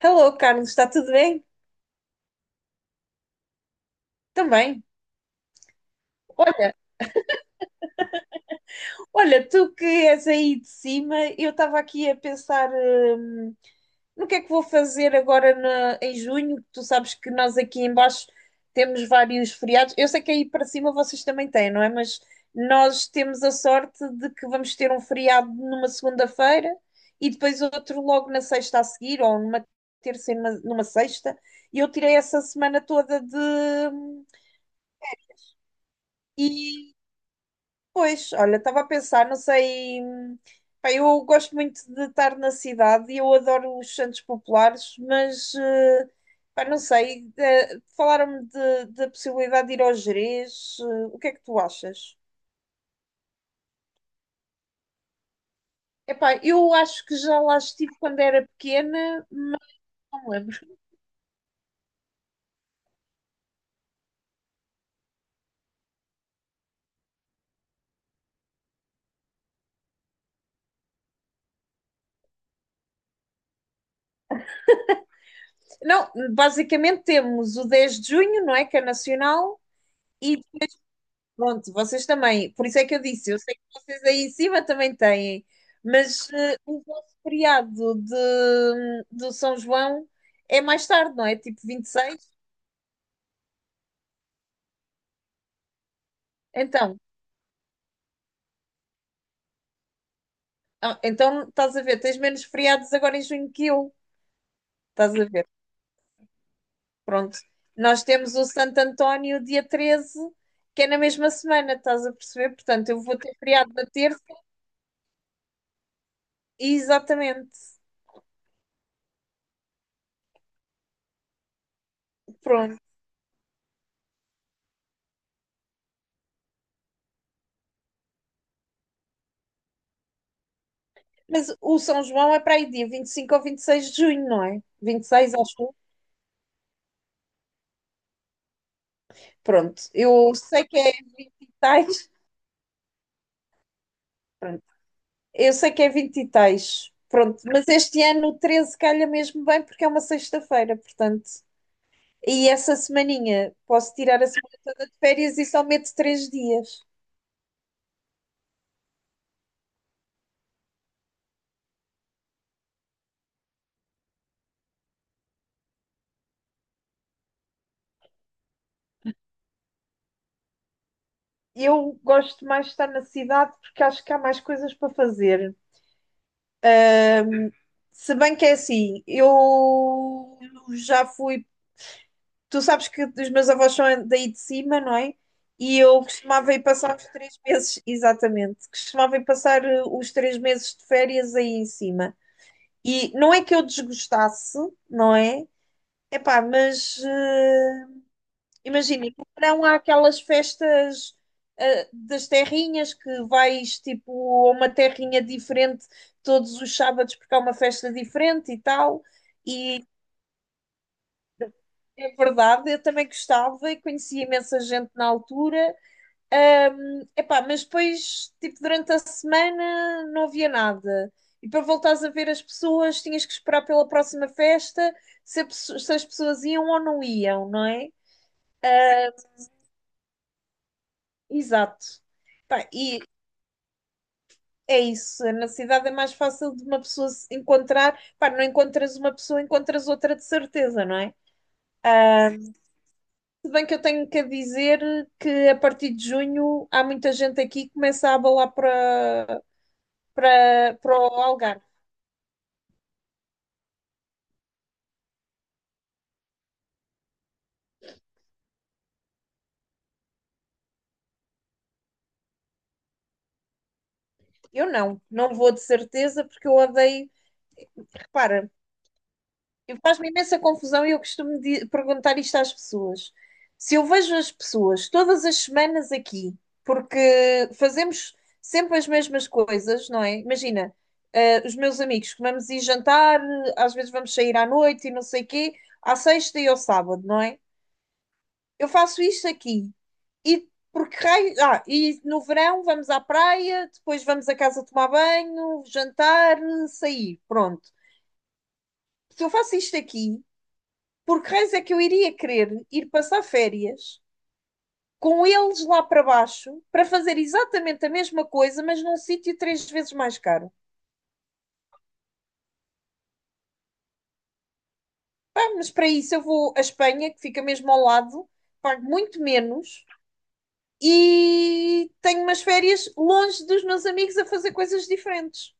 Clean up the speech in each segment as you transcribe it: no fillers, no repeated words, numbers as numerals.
Hello, Carlos, está tudo bem? Também. Olha, olha, tu que és aí de cima, eu estava aqui a pensar, no que é que vou fazer agora em junho, que tu sabes que nós aqui em baixo temos vários feriados. Eu sei que aí para cima vocês também têm, não é? Mas nós temos a sorte de que vamos ter um feriado numa segunda-feira e depois outro logo na sexta a seguir, ou numa terça e numa sexta. E eu tirei essa semana toda de... hum, E Pois, olha, estava a pensar, não sei. Pá, eu gosto muito de estar na cidade e eu adoro os santos populares, mas pá, não sei. Falaram-me da possibilidade de ir ao Gerês. O que é que tu achas? Epá, eu acho que já lá estive quando era pequena, mas não me lembro. Não, basicamente temos o 10 de junho, não é? Que é nacional. E Pronto, vocês também. Por isso é que eu disse, eu sei que vocês aí em cima também têm, mas o vosso feriado do São João é mais tarde, não é? Tipo 26? Então, então, estás a ver, tens menos feriados agora em junho que eu. Estás a ver? Pronto. Nós temos o Santo António dia 13, que é na mesma semana, estás a perceber? Portanto, eu vou ter feriado na terça, exatamente. Pronto. Mas o São João é para aí dia 25 ou 26 de junho, não é? 26, acho. Pronto, tais, pronto, eu sei que é 20 e tais, pronto, mas este ano o 13 calha mesmo bem porque é uma sexta-feira, portanto. E essa semaninha posso tirar a semana toda de férias e só meto 3 dias. Eu gosto mais de estar na cidade porque acho que há mais coisas para fazer. Se bem que é assim, eu já fui tu sabes que os meus avós são daí de cima, não é? E eu costumava ir passar os 3 meses, exatamente, costumava ir passar os 3 meses de férias aí em cima. E não é que eu desgostasse, não é? Epá, mas imagina, no verão há aquelas festas das terrinhas que vais tipo a uma terrinha diferente todos os sábados porque há uma festa diferente e tal. É verdade, eu também gostava e conhecia imensa gente na altura. Epá, mas depois, tipo, durante a semana não havia nada. E para voltares a ver as pessoas, tinhas que esperar pela próxima festa, se as pessoas iam ou não iam, não é? Exato. Pá, e é isso, na cidade é mais fácil de uma pessoa se encontrar. Pá, não encontras uma pessoa, encontras outra de certeza, não é? Se bem que eu tenho que dizer que a partir de junho há muita gente aqui que começa a abalar para o Algarve. Eu não, não vou de certeza porque eu odeio. Repara, faz-me imensa confusão e eu costumo perguntar isto às pessoas. Se eu vejo as pessoas todas as semanas aqui, porque fazemos sempre as mesmas coisas, não é? Imagina, os meus amigos, vamos ir jantar, às vezes vamos sair à noite e não sei quê, à sexta e ao sábado, não é? Eu faço isto aqui. E porque raio. Ah, e no verão vamos à praia, depois vamos a casa tomar banho, jantar, sair. Pronto. Se eu faço isto aqui, porque raios é que eu iria querer ir passar férias com eles lá para baixo para fazer exatamente a mesma coisa, mas num sítio três vezes mais caro? Pá, mas para isso eu vou à Espanha, que fica mesmo ao lado, pago muito menos e tenho umas férias longe dos meus amigos a fazer coisas diferentes.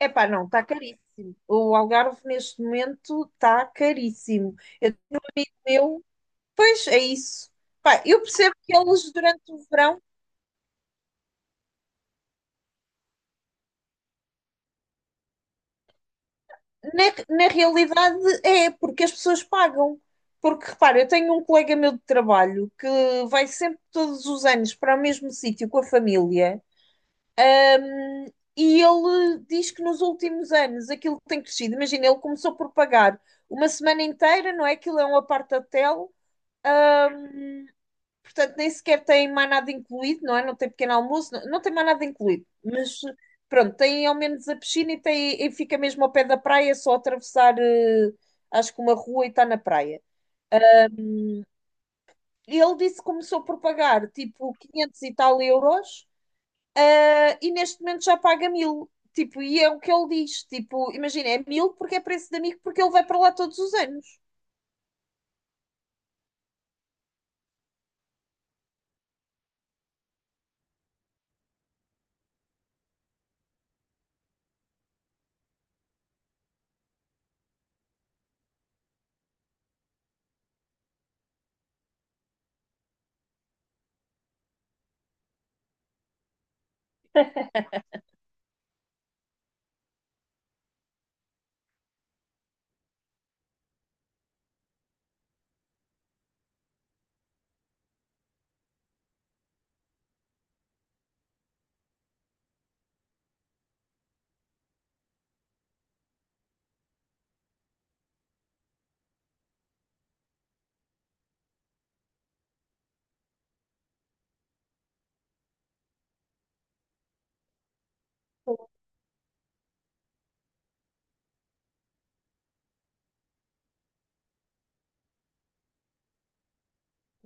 Epá, não, está caríssimo. O Algarve neste momento está caríssimo. Eu, eu- pois é isso. Pá, eu percebo que eles durante o verão, na realidade é porque as pessoas pagam. Porque repara, eu tenho um colega meu de trabalho que vai sempre todos os anos para o mesmo sítio com a família e ele diz que nos últimos anos aquilo tem crescido. Imagina, ele começou por pagar uma semana inteira, não é? Aquilo é um apart-hotel, portanto nem sequer tem mais nada incluído, não é? Não tem pequeno almoço, não, não tem mais nada incluído, mas pronto, tem ao menos a piscina e fica mesmo ao pé da praia, é só atravessar, acho que uma rua e está na praia. E ele disse que começou por pagar tipo 500 e tal euros, ah, e neste momento já paga mil. Tipo, e é o que ele diz. Tipo, imagina, é mil porque é preço de amigo, porque ele vai para lá todos os anos.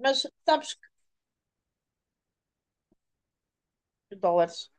Mas sabes que dólares.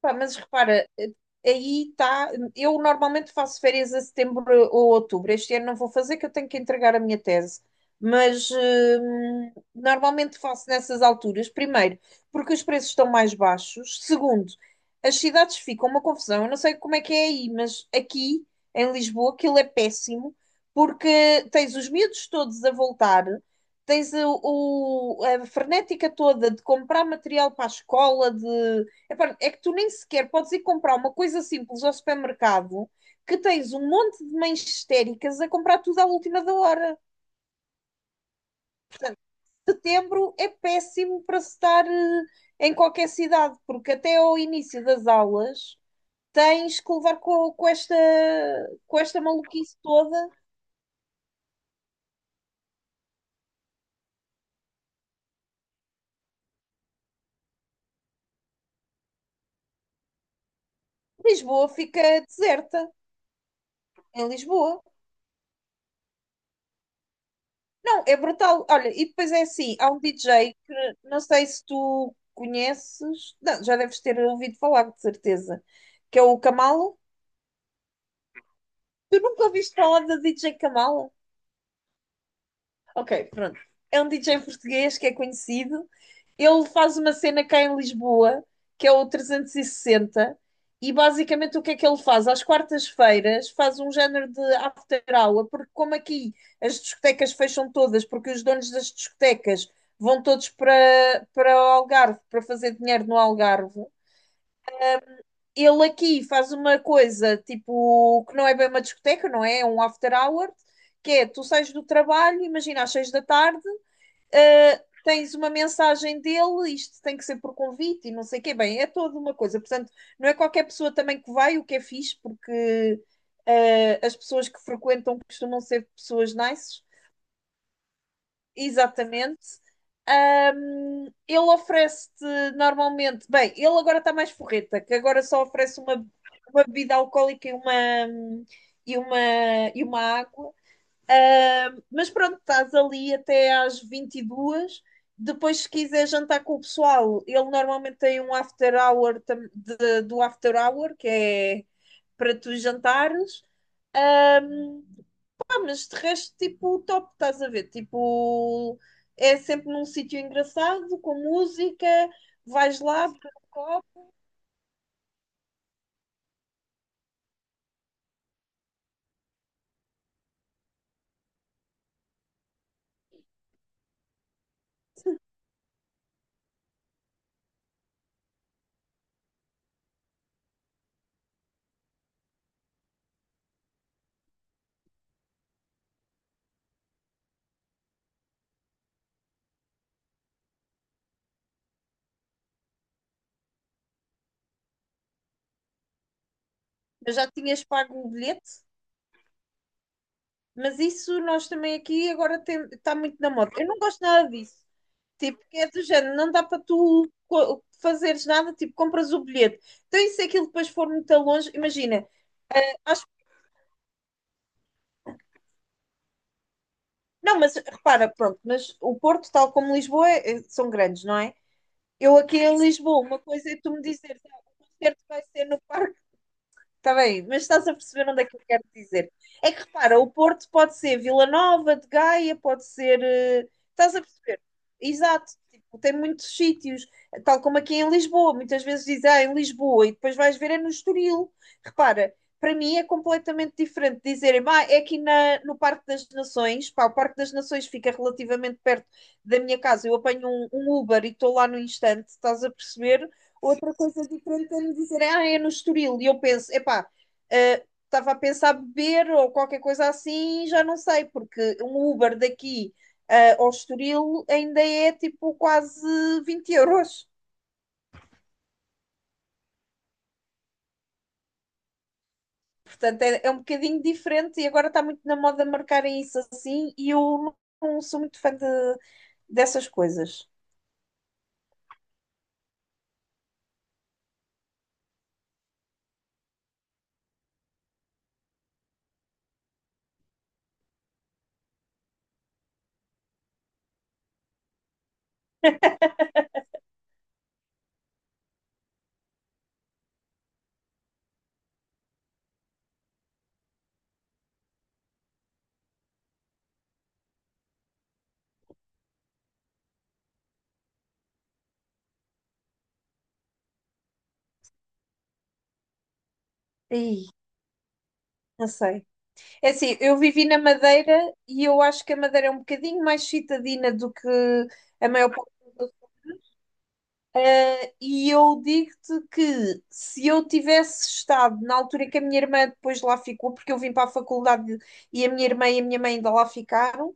Pá, mas repara, aí está. Eu normalmente faço férias a setembro ou outubro. Este ano não vou fazer, que eu tenho que entregar a minha tese. Mas normalmente faço nessas alturas. Primeiro, porque os preços estão mais baixos. Segundo, as cidades ficam uma confusão. Eu não sei como é que é aí, mas aqui em Lisboa aquilo é péssimo, porque tens os miúdos todos a voltar. Tens a frenética toda de comprar material para a escola. De Epá, é que tu nem sequer podes ir comprar uma coisa simples ao supermercado que tens um monte de mães histéricas a comprar tudo à última da hora. Setembro é péssimo para se estar em qualquer cidade, porque até ao início das aulas tens que levar com esta maluquice toda. Lisboa fica deserta, em Lisboa. Não, é brutal. Olha, e depois é assim, há um DJ que não sei se tu conheces, não, já deves ter ouvido falar, de certeza, que é o Camalo. Tu nunca ouviste falar da DJ Camalo? Ok, pronto. É um DJ português que é conhecido, ele faz uma cena cá em Lisboa, que é o 360, e sessenta, e basicamente o que é que ele faz? Às quartas-feiras faz um género de after hour, porque como aqui as discotecas fecham todas, porque os donos das discotecas vão todos para, o Algarve, para fazer dinheiro no Algarve, ele aqui faz uma coisa, tipo, que não é bem uma discoteca, não é? É um after hour, que é, tu sais do trabalho, imagina às 6 da tarde, tens uma mensagem dele, isto tem que ser por convite e não sei o quê. Bem, é toda uma coisa. Portanto, não é qualquer pessoa também que vai, o que é fixe, porque as pessoas que frequentam costumam ser pessoas nice. Exatamente. Ele oferece-te normalmente. Bem, ele agora está mais forreta, que agora só oferece uma bebida alcoólica e e, uma, uma água. Mas pronto, estás ali até às 22. Depois, se quiser jantar com o pessoal, ele normalmente tem um after hour do after hour, que é para tu jantares. Ah, mas de resto, tipo, top, estás a ver? Tipo, é sempre num sítio engraçado, com música, vais lá, beber um copo. Eu já tinhas pago o bilhete, mas isso nós também aqui agora está muito na moda. Eu não gosto nada disso. Tipo, que é do género, não dá para tu fazeres nada, tipo, compras o bilhete. Então, e se aquilo depois for muito longe, imagina, acho, não, mas repara, pronto, mas o Porto, tal como Lisboa, são grandes, não é? Eu aqui em Lisboa, uma coisa é tu me dizeres, ah, o concerto vai ser no Parque. Está bem, mas estás a perceber onde é que eu quero dizer. É que repara, o Porto pode ser Vila Nova, de Gaia, pode ser. Estás a perceber? Exato, tipo, tem muitos sítios, tal como aqui em Lisboa. Muitas vezes dizem, ah, em Lisboa, e depois vais ver é no Estoril. Repara, para mim é completamente diferente dizerem, ah, é aqui no Parque das Nações. Pá, o Parque das Nações fica relativamente perto da minha casa. Eu apanho um Uber e estou lá no instante, estás a perceber? Outra coisa diferente é me dizer, ah, é no Estoril. E eu penso, epá, ah, estava a pensar beber ou qualquer coisa assim, já não sei, porque um Uber daqui ah, ao Estoril ainda é tipo quase 20 euros. Portanto, é um bocadinho diferente e agora está muito na moda marcarem isso assim e eu não sou muito fã de dessas coisas. Ih, não sei. É assim, eu vivi na Madeira e eu acho que a Madeira é um bocadinho mais citadina do que a maior parte. E eu digo-te que se eu tivesse estado na altura em que a minha irmã depois lá ficou, porque eu vim para a faculdade e a minha irmã e a minha mãe ainda lá ficaram,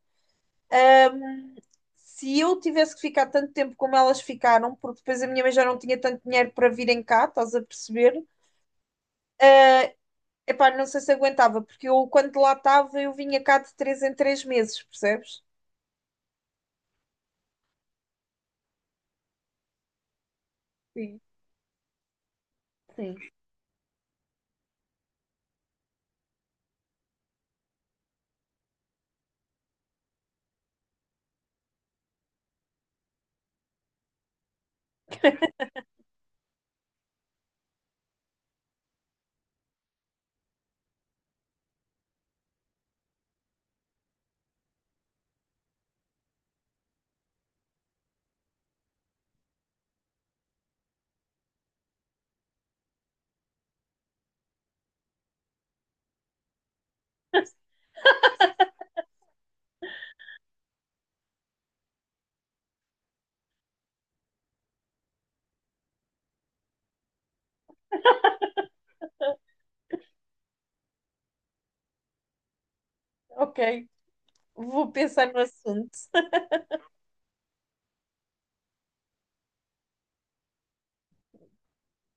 se eu tivesse que ficar tanto tempo como elas ficaram, porque depois a minha mãe já não tinha tanto dinheiro para virem cá, estás a perceber? Epá, não sei se aguentava, porque eu quando lá estava eu vinha cá de 3 em 3 meses, percebes? Sim, sim. Ok, vou pensar no assunto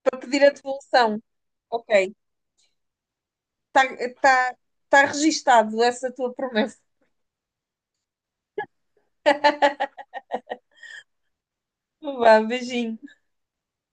para pedir a devolução. Ok, está tá, tá registado essa tua promessa. Vá, beijinho.